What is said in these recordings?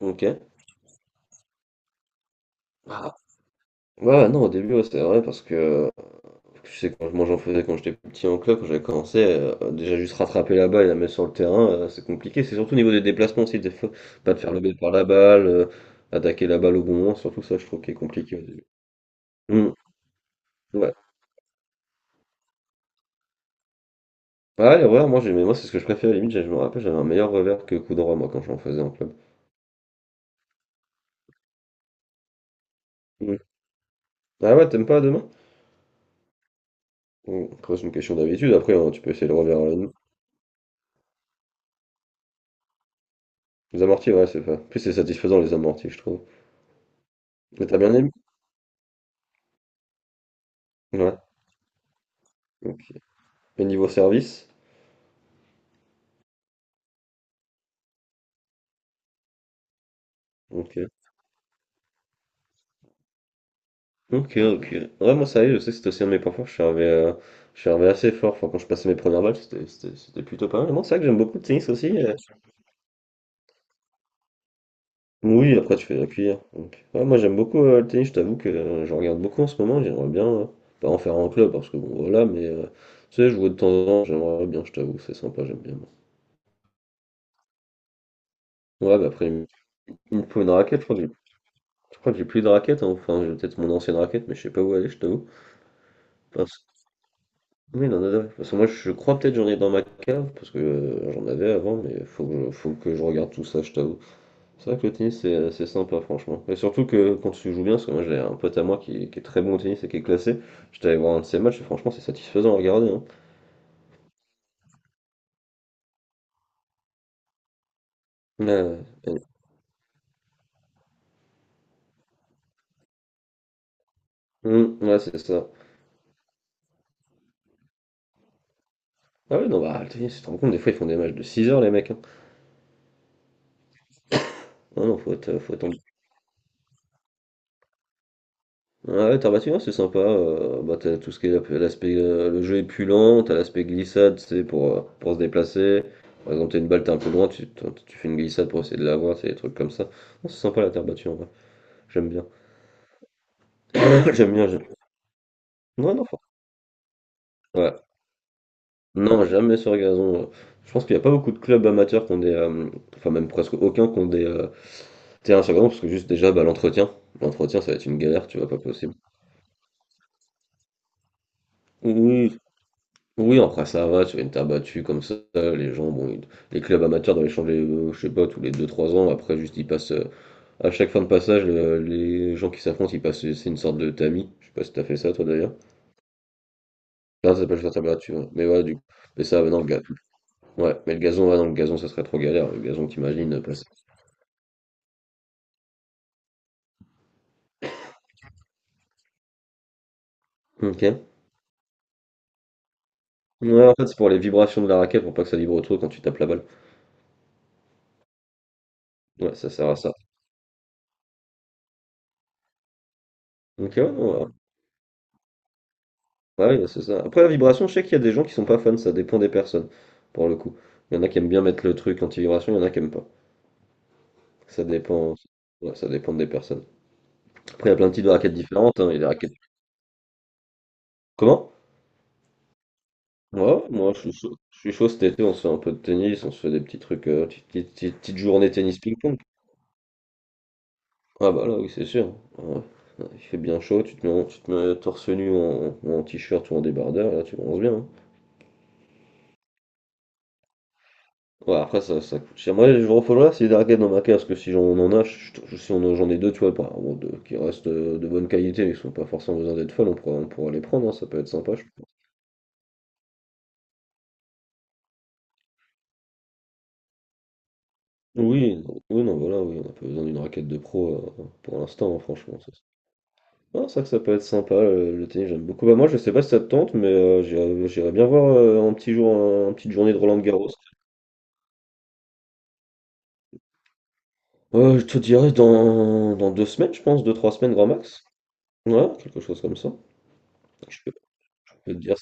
Ok. Ah. Ouais, ouais, non, au début, ouais, c'est vrai, parce que je sais, quand, moi j'en faisais quand j'étais petit en club, quand j'avais commencé, déjà juste rattraper la balle et la mettre sur le terrain, c'est compliqué. C'est surtout au niveau des déplacements aussi, des fois, pas de faire le bête par la balle, attaquer la balle au bon moment, surtout ça, je trouve qui est compliqué au début. Hum, ouais. Ah ouais, les revers, moi, j'aimais, moi, c'est ce que je préférais, limite, je me rappelle, j'avais un meilleur revers que coup droit, moi, quand j'en faisais en club. Hum. Ah ouais, t'aimes pas demain? Bon, après, c'est une question d'habitude, après, hein, tu peux essayer le revers à la nuit. Les amortis, ouais, c'est pas. Plus c'est satisfaisant, les amortis, je trouve. Mais t'as bien aimé? Ouais. Ok. Et niveau service? Ok. Ok, ok. Ouais, moi, ça y est, je sais que c'était aussi un de mes points forts. Je suis arrivé assez fort. Enfin, quand je passais mes premières balles, c'était plutôt pas mal. Non, c'est vrai que j'aime beaucoup le tennis aussi. Oui, après, tu fais la cuillère. Donc, ouais, moi, j'aime beaucoup le tennis. Je t'avoue que je regarde beaucoup en ce moment. J'aimerais bien, pas en faire un club, parce que bon, voilà, mais tu sais, je vois de temps en temps. J'aimerais bien, je t'avoue, c'est sympa, j'aime bien. Ouais, bah après, il me faut une raquette. Je crois que j'ai plus de raquette, hein. Enfin, j'ai peut-être mon ancienne raquette, mais je sais pas où elle est, je t'avoue. Oui, non, non, non. Parce que moi, je crois peut-être j'en ai dans ma cave, parce que j'en avais avant, mais faut que je regarde tout ça, je t'avoue. C'est vrai que le tennis, c'est sympa, franchement. Et surtout que quand tu joues bien, parce que moi, j'ai un pote à moi qui est très bon au tennis et qui est classé, j'étais allé voir un de ses matchs, et franchement, c'est satisfaisant à regarder, hein. Euh, euh, hum, ouais, c'est ça. Ah oui, non, bah, le tennis, tu te rends compte, des fois, ils font des matchs de 6 heures, les mecs, hein. Non, non, faut être, faut être. Ouais, terre battue, ouais, c'est sympa. Bah, t'as tout ce qui est l'aspect. Le jeu est plus lent, t'as l'aspect glissade, c'est pour se déplacer. Par exemple, t'as une balle, t'es un peu loin, tu fais une glissade pour essayer de l'avoir, c'est des trucs comme ça. Non, c'est sympa la terre battue en vrai. J'aime bien. J'aime bien, j'aime. Ouais, non, ouais. Non, jamais sur gazon. Je pense qu'il n'y a pas beaucoup de clubs amateurs qui ont des, enfin, même presque aucun qui ont des terrains sur gazon, parce que juste déjà, bah, l'entretien. L'entretien, ça va être une galère, tu vois, pas possible. Oui, oui, après ça va, tu gagnes ta battue comme ça, les gens, bon, les clubs amateurs doivent échanger, je sais pas, tous les deux trois ans, après juste ils passent, à chaque fin de passage, les gens qui s'affrontent, ils passent, c'est une sorte de tamis, je sais pas si t'as fait ça toi d'ailleurs. Non, ça s'appelle faire ta battue, ouais. Mais ouais, du coup, mais ça, non, le gazon, ouais, mais le gazon, ouais, non, le gazon, ça serait trop galère, le gazon, t'imagines, passer. Ok. Ouais, en fait, c'est pour les vibrations de la raquette, pour pas que ça vibre trop quand tu tapes la balle. Ouais, ça sert à ça. Ok, ouais, non, ouais. Bah oui, c'est ça. Après, la vibration, je sais qu'il y a des gens qui sont pas fans, ça dépend des personnes, pour le coup. Il y en a qui aiment bien mettre le truc anti-vibration, il y en a qui aiment pas. Ça dépend, ouais, ça dépend des personnes. Après, il y a plein de types de raquettes différentes, hein. Il y a des raquettes. Comment? Moi, moi, je suis chaud. Je suis chaud cet été, on se fait un peu de tennis, on se fait des petits trucs, petites journées tennis ping-pong. Ah bah là, oui, c'est sûr. Ouais. Ouais, il fait bien chaud, tu te mets, tu te mets torse nu en, t-shirt ou en débardeur, là, tu bronzes bien, hein. Ouais, après, ça coûte cher. Moi, je refollowerai si les arcades dans ma case, parce que si j'en en a, je- si on en- j'en ai deux, tu vois, bon, deux, qui restent de bonne qualité, mais qui sont pas forcément besoin d'être folles, on pourra les prendre, hein, ça peut être sympa, je pense. Oui, non, oui, non, voilà, oui, on n'a pas besoin d'une raquette de pro pour l'instant, hein, franchement. Ça, c'est Ah, c'est vrai que ça peut être sympa, tennis, j'aime beaucoup. Bah, moi, je sais pas si ça te tente, mais j'irais bien voir un petit jour, une petite journée de Roland-Garros. Je te dirais dans 2 semaines, je pense, deux, trois semaines, grand max. Ouais, quelque chose comme ça. Je peux, je peux te dire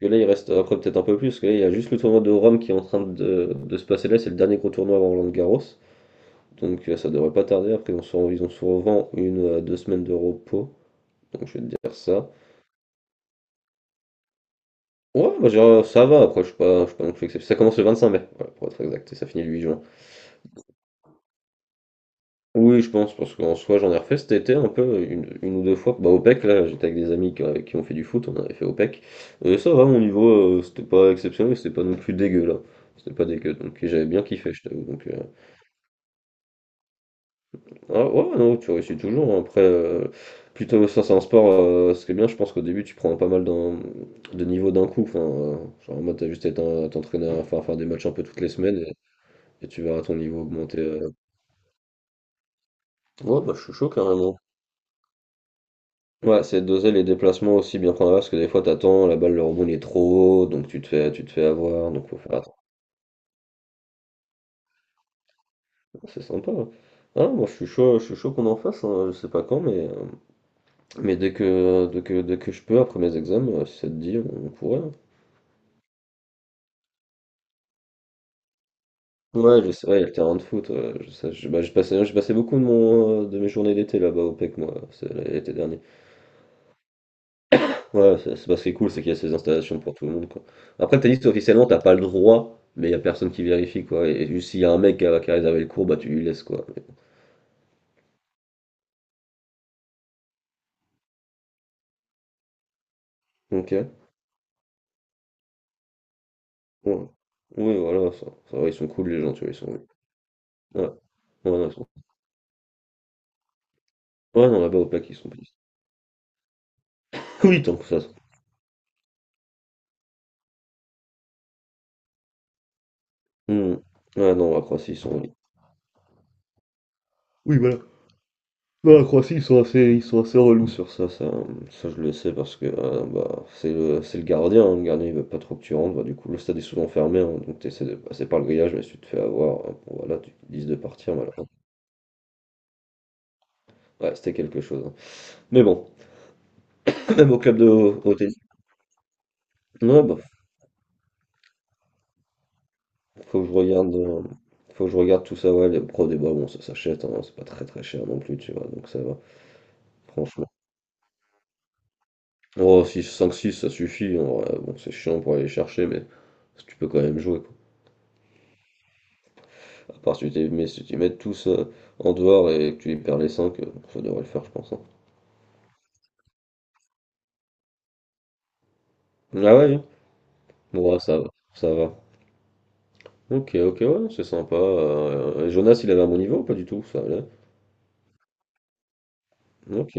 que là, il reste après peut-être un peu plus, parce que là, il y a juste le tournoi de Rome qui est en train de se passer là, c'est le dernier gros tournoi avant Roland Garros. Donc ça devrait pas tarder, après ils ont souvent une à 2 semaines de repos. Donc je vais te dire ça. Ouais, bah, genre, ça va, après je suis pas non plus exceptionnel. Ça commence le 25 mai, voilà, pour être exact, et ça finit le 8 juin. Oui, je pense, parce qu'en soi j'en ai refait cet été un peu, une ou deux fois. Bah au PEC, là, j'étais avec des amis qui ont fait du foot, on avait fait au PEC. Et ça va, mon niveau, c'était pas exceptionnel, mais c'était pas non plus dégueu là. C'était pas dégueu, donc et j'avais bien kiffé, je t'avoue. Donc. Ah, ouais, non, tu réussis toujours, hein. Après, plutôt, ça, c'est un sport. Ce qui est bien, je pense qu'au début, tu prends pas mal de niveaux d'un coup. Enfin, genre, en mode, t'as juste à à t'entraîner à faire des matchs un peu toutes les semaines et tu verras ton niveau augmenter. Ouais, bah, je suis chaud carrément. Ouais, c'est doser les déplacements aussi bien prendre parce que des fois, t'attends, la balle, le rebond, il est trop haut, donc tu te fais avoir, donc faut faire attention. C'est sympa, ouais. Ah, moi, je suis chaud qu'on en fasse, hein, je sais pas quand, mais, dès que je peux, après mes examens, si ça te dit, on pourrait, hein. Ouais, je sais, ouais, il y a le terrain de foot, ouais, je sais, bah, j'ai passé je passais beaucoup de mon, de mes journées d'été là-bas au PEC, moi, l'été dernier. Ouais, c'est parce qui est cool, c'est qu'il y a ces installations pour tout le monde, quoi. Après, t'as dit que officiellement, t'as pas le droit, mais il y a personne qui vérifie, quoi. Et, juste s'il y a un mec qui a réservé le cours, bah tu lui laisses, quoi. Ok. Ouais. Oui, voilà, ça va, ils sont cool, les gens, tu vois, ils sont. Ouais, ouais, non, ouais, non là-bas au PEC, ils sont plus. Oui, tant que ça. Hmm. Ouais, non, après, s'ils sont. Oui, oui, voilà. Non, la Croatie, ils sont assez relous sur ça, ça, ça je le sais parce que bah, c'est le gardien, hein, le gardien il veut pas trop que tu rentres, bah, du coup le stade est souvent fermé, hein, donc tu essaies de passer par le grillage, mais si tu te fais avoir, hein, bon, voilà, tu te disent de partir, voilà. Ouais, c'était quelque chose, hein. Mais bon, même au club de au tennis, ouais, bah, faut que je regarde, euh, faut que je regarde tout ça, ouais, les pro débats, bon, ça s'achète, hein, c'est pas très très cher non plus, tu vois, donc ça va, franchement. Oh, six cinq six ça suffit, hein, ouais, bon, c'est chiant pour aller les chercher, mais tu peux quand même jouer, quoi. À part si tu les mets tous en dehors et que tu les perds les 5 ça devrait le faire, je pense, hein. Ah ouais, hein. Bon, ouais, ça va, ça va. Ok, ok, ouais, c'est sympa. Et Jonas, il avait un bon niveau ou pas du tout? Ça allait. Ok.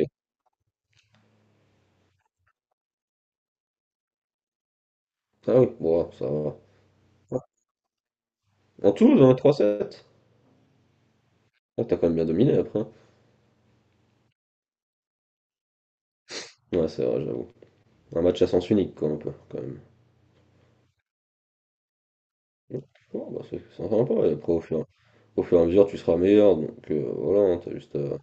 Ah oui, bon, ouais, ça va. Ouais. En tout, dans 3-7. Ah, t'as quand même bien dominé après, hein. Ouais, c'est vrai, j'avoue. Un match à sens unique, quoi, un peu, quand même. Donc, ouais, bah, c'est sympa, hein. Et après, au fur et à mesure, tu seras meilleur. Donc, voilà, hein, t'as juste.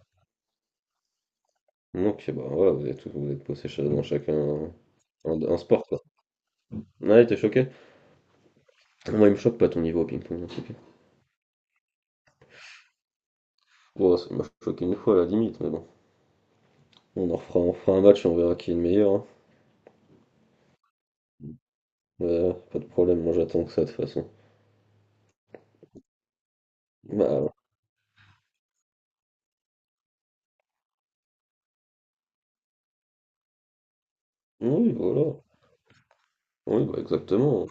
Donc, bah, ouais, vous êtes dans chacun hein. Un sport, quoi. Ouais, t'es choqué? Moi, il me choque pas ton niveau au ping-pong, hein, c'est clair. Bon, ça, il m'a choqué une fois à la limite, mais bon. On en refera, on fera un match et on verra qui est le meilleur, hein. Ouais, pas de problème, moi j'attends que ça de toute façon. Bah, oui, voilà. Oui, bah exactement.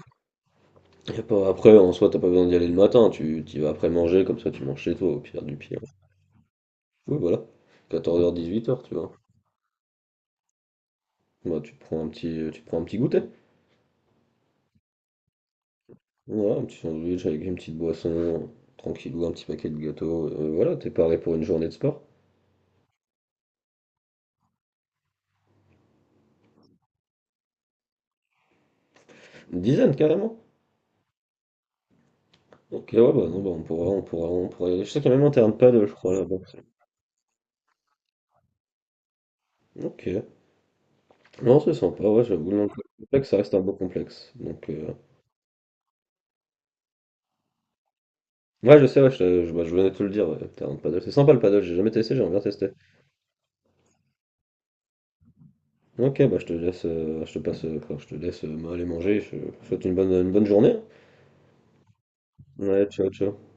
Y a pas... Après, en soi, t'as pas besoin d'y aller le matin, tu t'y vas après manger, comme ça tu manges chez toi, au pire du pire. Oui, voilà. Quatorze heures dix-huit heures tu vois. Bah, tu te prends un petit, tu te prends un petit goûter. Voilà, un petit sandwich avec une petite boisson, tranquillou, un petit paquet de gâteaux. Voilà, t'es paré pour une journée de sport. Une dizaine, carrément. Ok, ouais, bah non, bah on pourra y aller. Je sais qu'il y a même un terrain de paddle, je crois, là-bas. Ok. Non, c'est sympa, ouais, j'avoue, le complexe, ça reste un beau complexe. Donc, ouais, je sais, ouais, bah, je venais de te le dire, ouais, le terrain de paddle. C'est sympa le paddle, j'ai jamais testé, j'aimerais bien tester. Ok, bah, je te laisse, je te passe, quoi, je te laisse aller manger, je te souhaite une bonne journée. Ouais, ciao, ciao.